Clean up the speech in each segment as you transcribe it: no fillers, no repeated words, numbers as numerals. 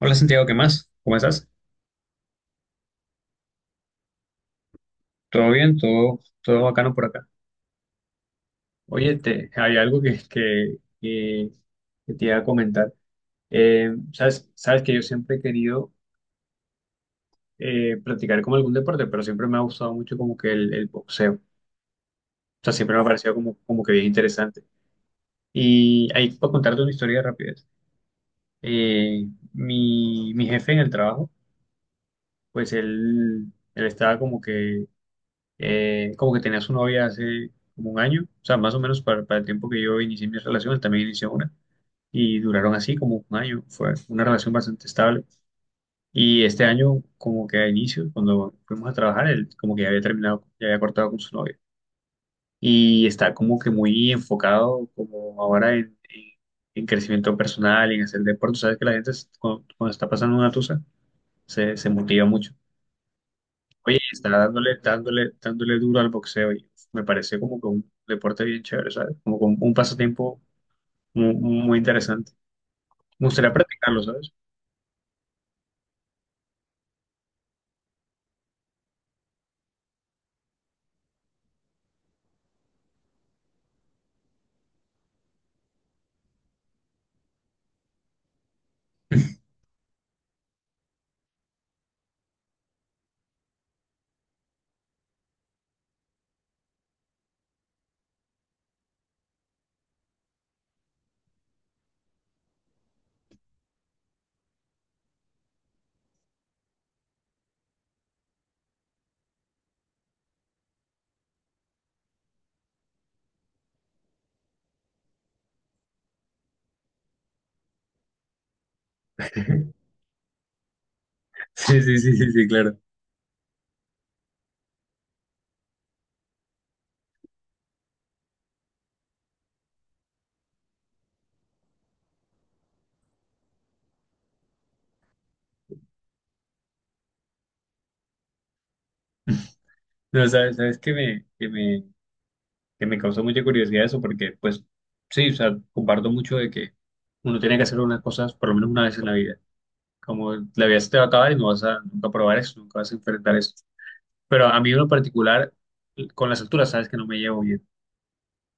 Hola Santiago, ¿qué más? ¿Cómo estás? ¿Todo bien? ¿Todo bacano por acá? Oye, hay algo que te iba a comentar. Sabes, que yo siempre he querido practicar como algún deporte, pero siempre me ha gustado mucho como que el boxeo. O sea, siempre me ha parecido como que bien interesante. Y ahí puedo contarte una historia rápida. Eh, mi jefe en el trabajo, pues él estaba como que tenía su novia hace como un año, o sea, más o menos para el tiempo que yo inicié mi relación, él también inició una, y duraron así como un año, fue una relación bastante estable. Y este año, como que a inicio, cuando fuimos a trabajar, él como que ya había terminado, ya había cortado con su novia. Y está como que muy enfocado como ahora en crecimiento personal, en hacer deporte. Sabes que la gente cuando está pasando una tusa, se motiva mucho. Oye, está dándole, dándole, dándole duro al boxeo y me parece como que un deporte bien chévere, ¿sabes? Como que un pasatiempo muy, muy interesante. Me gustaría practicarlo, ¿sabes? Sí, sí, sí, sí, sí, claro. No, sabes que me causó mucha curiosidad eso, porque pues sí, o sea, comparto mucho de que uno tiene que hacer unas cosas por lo menos una vez en la vida. Como la vida se te va a acabar y no vas a nunca probar eso, nunca vas a enfrentar eso. Pero a mí en lo particular, con las alturas, sabes que no me llevo bien.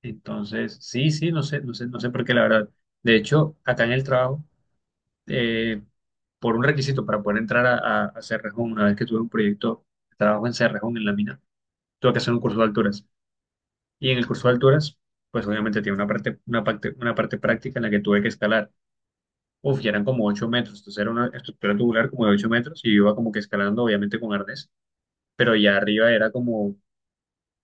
Entonces, sí, sí, no sé, no sé, no sé por qué, la verdad. De hecho, acá en el trabajo, eh, por un requisito para poder entrar a Cerrejón, una vez que tuve un proyecto de trabajo en Cerrejón, en la mina, tuve que hacer un curso de alturas. Y en el curso de alturas, pues obviamente tiene una parte práctica en la que tuve que escalar. Uf, ya eran como 8 metros, entonces era una estructura tubular como de 8 metros y yo iba como que escalando, obviamente con arnés, pero ya arriba era como,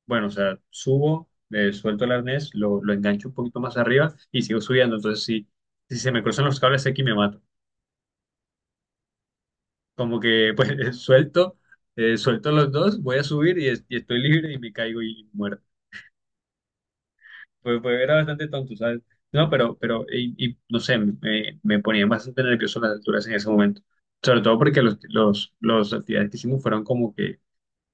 bueno, o sea, subo, suelto el arnés, lo engancho un poquito más arriba y sigo subiendo. Entonces, si se me cruzan los cables aquí, me mato. Como que, pues, suelto, suelto los dos, voy a subir y estoy libre y me caigo y muerto. Pues, era bastante tonto, ¿sabes? No, pero, y, no sé, me ponía bastante nervioso las alturas en ese momento. Sobre todo porque los actividades que hicimos fueron como que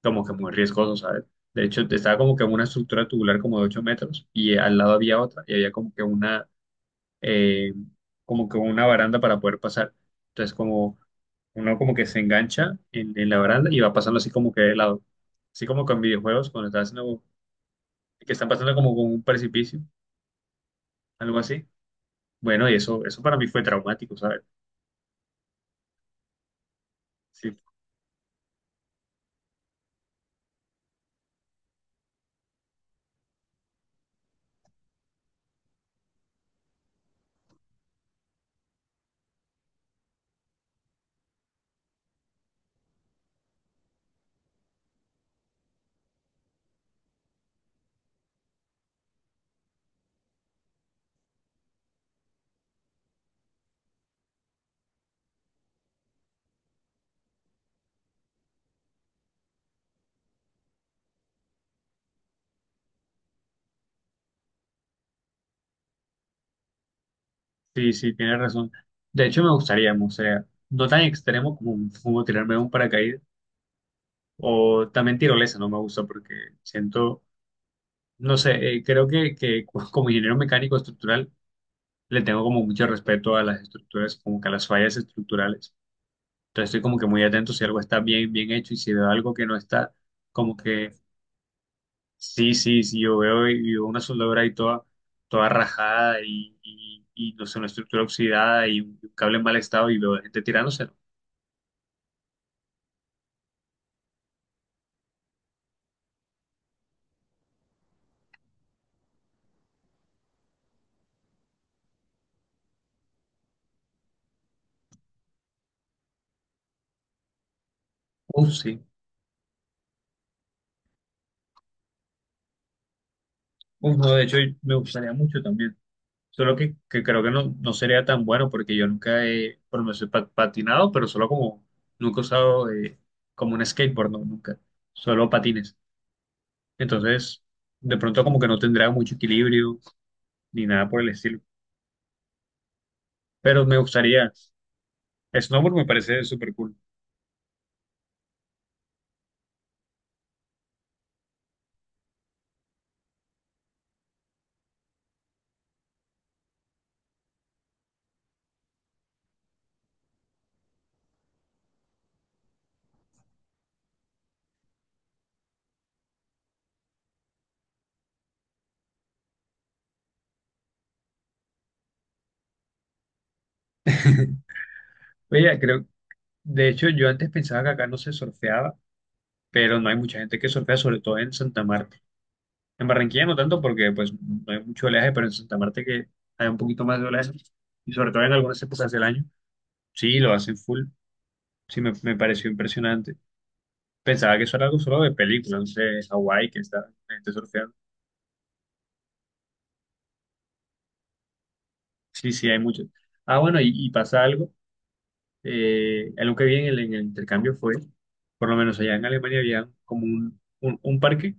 como que muy riesgoso, ¿sabes? De hecho, estaba como que en una estructura tubular como de 8 metros y al lado había otra y había como que eh, una baranda para poder pasar. Entonces, como uno como que se engancha en la baranda y va pasando así como que de lado. Así como con videojuegos, cuando estás haciendo, que están pasando como con un precipicio, algo así. Bueno, y eso para mí fue traumático, ¿sabes? Sí, sí, sí, tienes razón. De hecho, me gustaría, o sea, no tan extremo como tirarme de un paracaídas. O también tirolesa no me gusta porque siento, no sé, creo que como ingeniero mecánico estructural le tengo como mucho respeto a las estructuras, como que a las fallas estructurales. Entonces estoy como que muy atento si algo está bien, bien hecho y si veo algo que no está, como que sí, sí, sí, y veo una soldadura ahí toda, toda rajada y, no sé, una estructura oxidada y un cable en mal estado y veo gente tirándose. Uf, sí. Uf, no, de hecho me gustaría mucho también. Solo que creo que no, no sería tan bueno porque yo nunca he, bueno no sé, patinado, pero solo como, nunca he usado como un skateboard, no, nunca. Solo patines. Entonces, de pronto como que no tendrá mucho equilibrio ni nada por el estilo. Pero me gustaría, snowboard me parece súper cool. Oye, creo, de hecho yo antes pensaba que acá no se surfeaba, pero no hay mucha gente que surfea, sobre todo en Santa Marta. En Barranquilla no tanto porque pues no hay mucho oleaje, pero en Santa Marta que hay un poquito más de oleaje y sobre todo en algunas épocas del año, sí, lo hacen full. Sí, me pareció impresionante. Pensaba que eso era algo solo de película, no sé, Hawái que está la gente surfeando. Sí, sí, hay mucho. Ah, bueno, y pasa algo. Algo que vi en el intercambio fue, por lo menos allá en Alemania había como un parque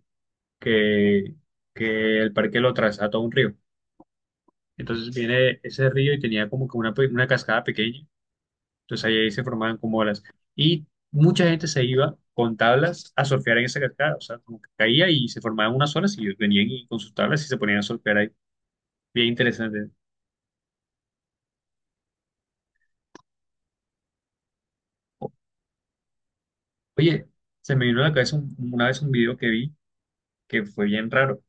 que, que el parque lo trazaba todo un río. Entonces viene ese río y tenía como que una cascada pequeña. Entonces ahí se formaban como olas. Y mucha gente se iba con tablas a surfear en esa cascada. O sea, como que caía y se formaban unas olas y ellos venían y con sus tablas y se ponían a surfear ahí. Bien interesante. O- Oye, se me vino a la cabeza una vez un video que vi que fue bien raro.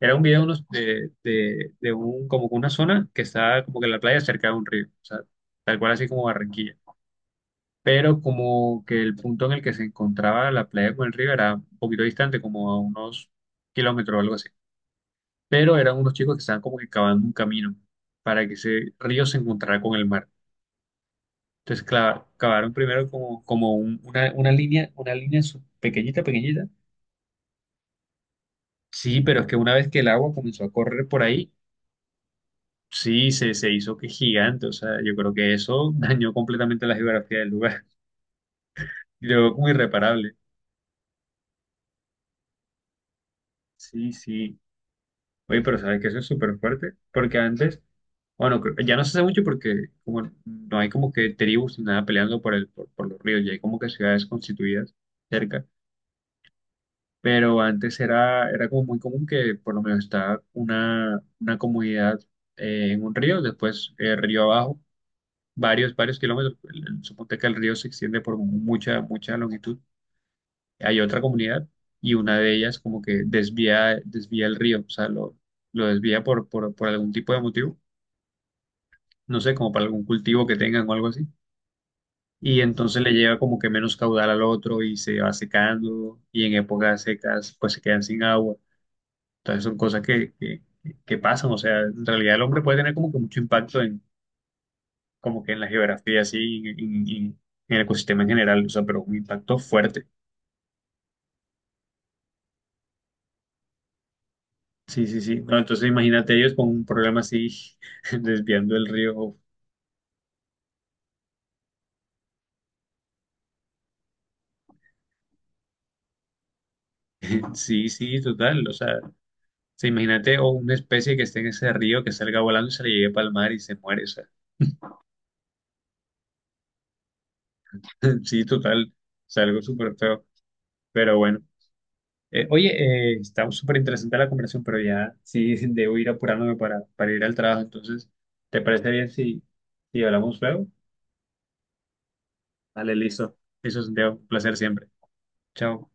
Era un video de, unos- de un, como que una zona que estaba como que en la playa cerca de un río. O sea, tal cual así como Barranquilla. Pero como que el punto en el que se encontraba la playa con el río era un poquito distante, como a unos kilómetros o algo así. Pero eran unos chicos que estaban como que cavando un camino para que ese río se encontrara con el mar. Entonces cavaron primero como una línea, pequeñita, pequeñita. Sí, pero es que una vez que el agua comenzó a correr por ahí, sí, se hizo que gigante. O sea, yo creo que eso dañó completamente la geografía del lugar. Y luego como irreparable. Sí, sí. Oye, pero ¿sabes que eso es súper fuerte? Porque antes. Bueno, ya no se hace mucho porque como no hay como que tribus ni nada peleando por los ríos, ya hay como que ciudades constituidas cerca. Pero antes era como muy común que por lo menos estaba una comunidad en un río, después río abajo, varios kilómetros. Suponte que el río se extiende por mucha, mucha longitud. Hay otra comunidad y una de ellas como que desvía el río, o sea, lo desvía por algún tipo de motivo, no sé, como para algún cultivo que tengan o algo así y entonces le llega como que menos caudal al otro y se va secando y en épocas secas pues se quedan sin agua. Entonces son cosas que pasan, o sea, en realidad el hombre puede tener como que mucho impacto en como que en la geografía así, en el ecosistema en general, o sea, pero un impacto fuerte. Sí, sí, sí. No, entonces imagínate ellos con un problema así desviando el río. Sí, sí, total, o sea, sí, imagínate o una especie que esté en ese río que salga volando y se le llegue para el mar y se muere, o sea, sí, total. O algo súper feo. Pero bueno, oye, está súper interesante la conversación, pero ya sí debo ir apurándome para, ir al trabajo. Entonces, ¿te parece bien si hablamos luego? Dale, listo. Eso es un placer siempre. Chao.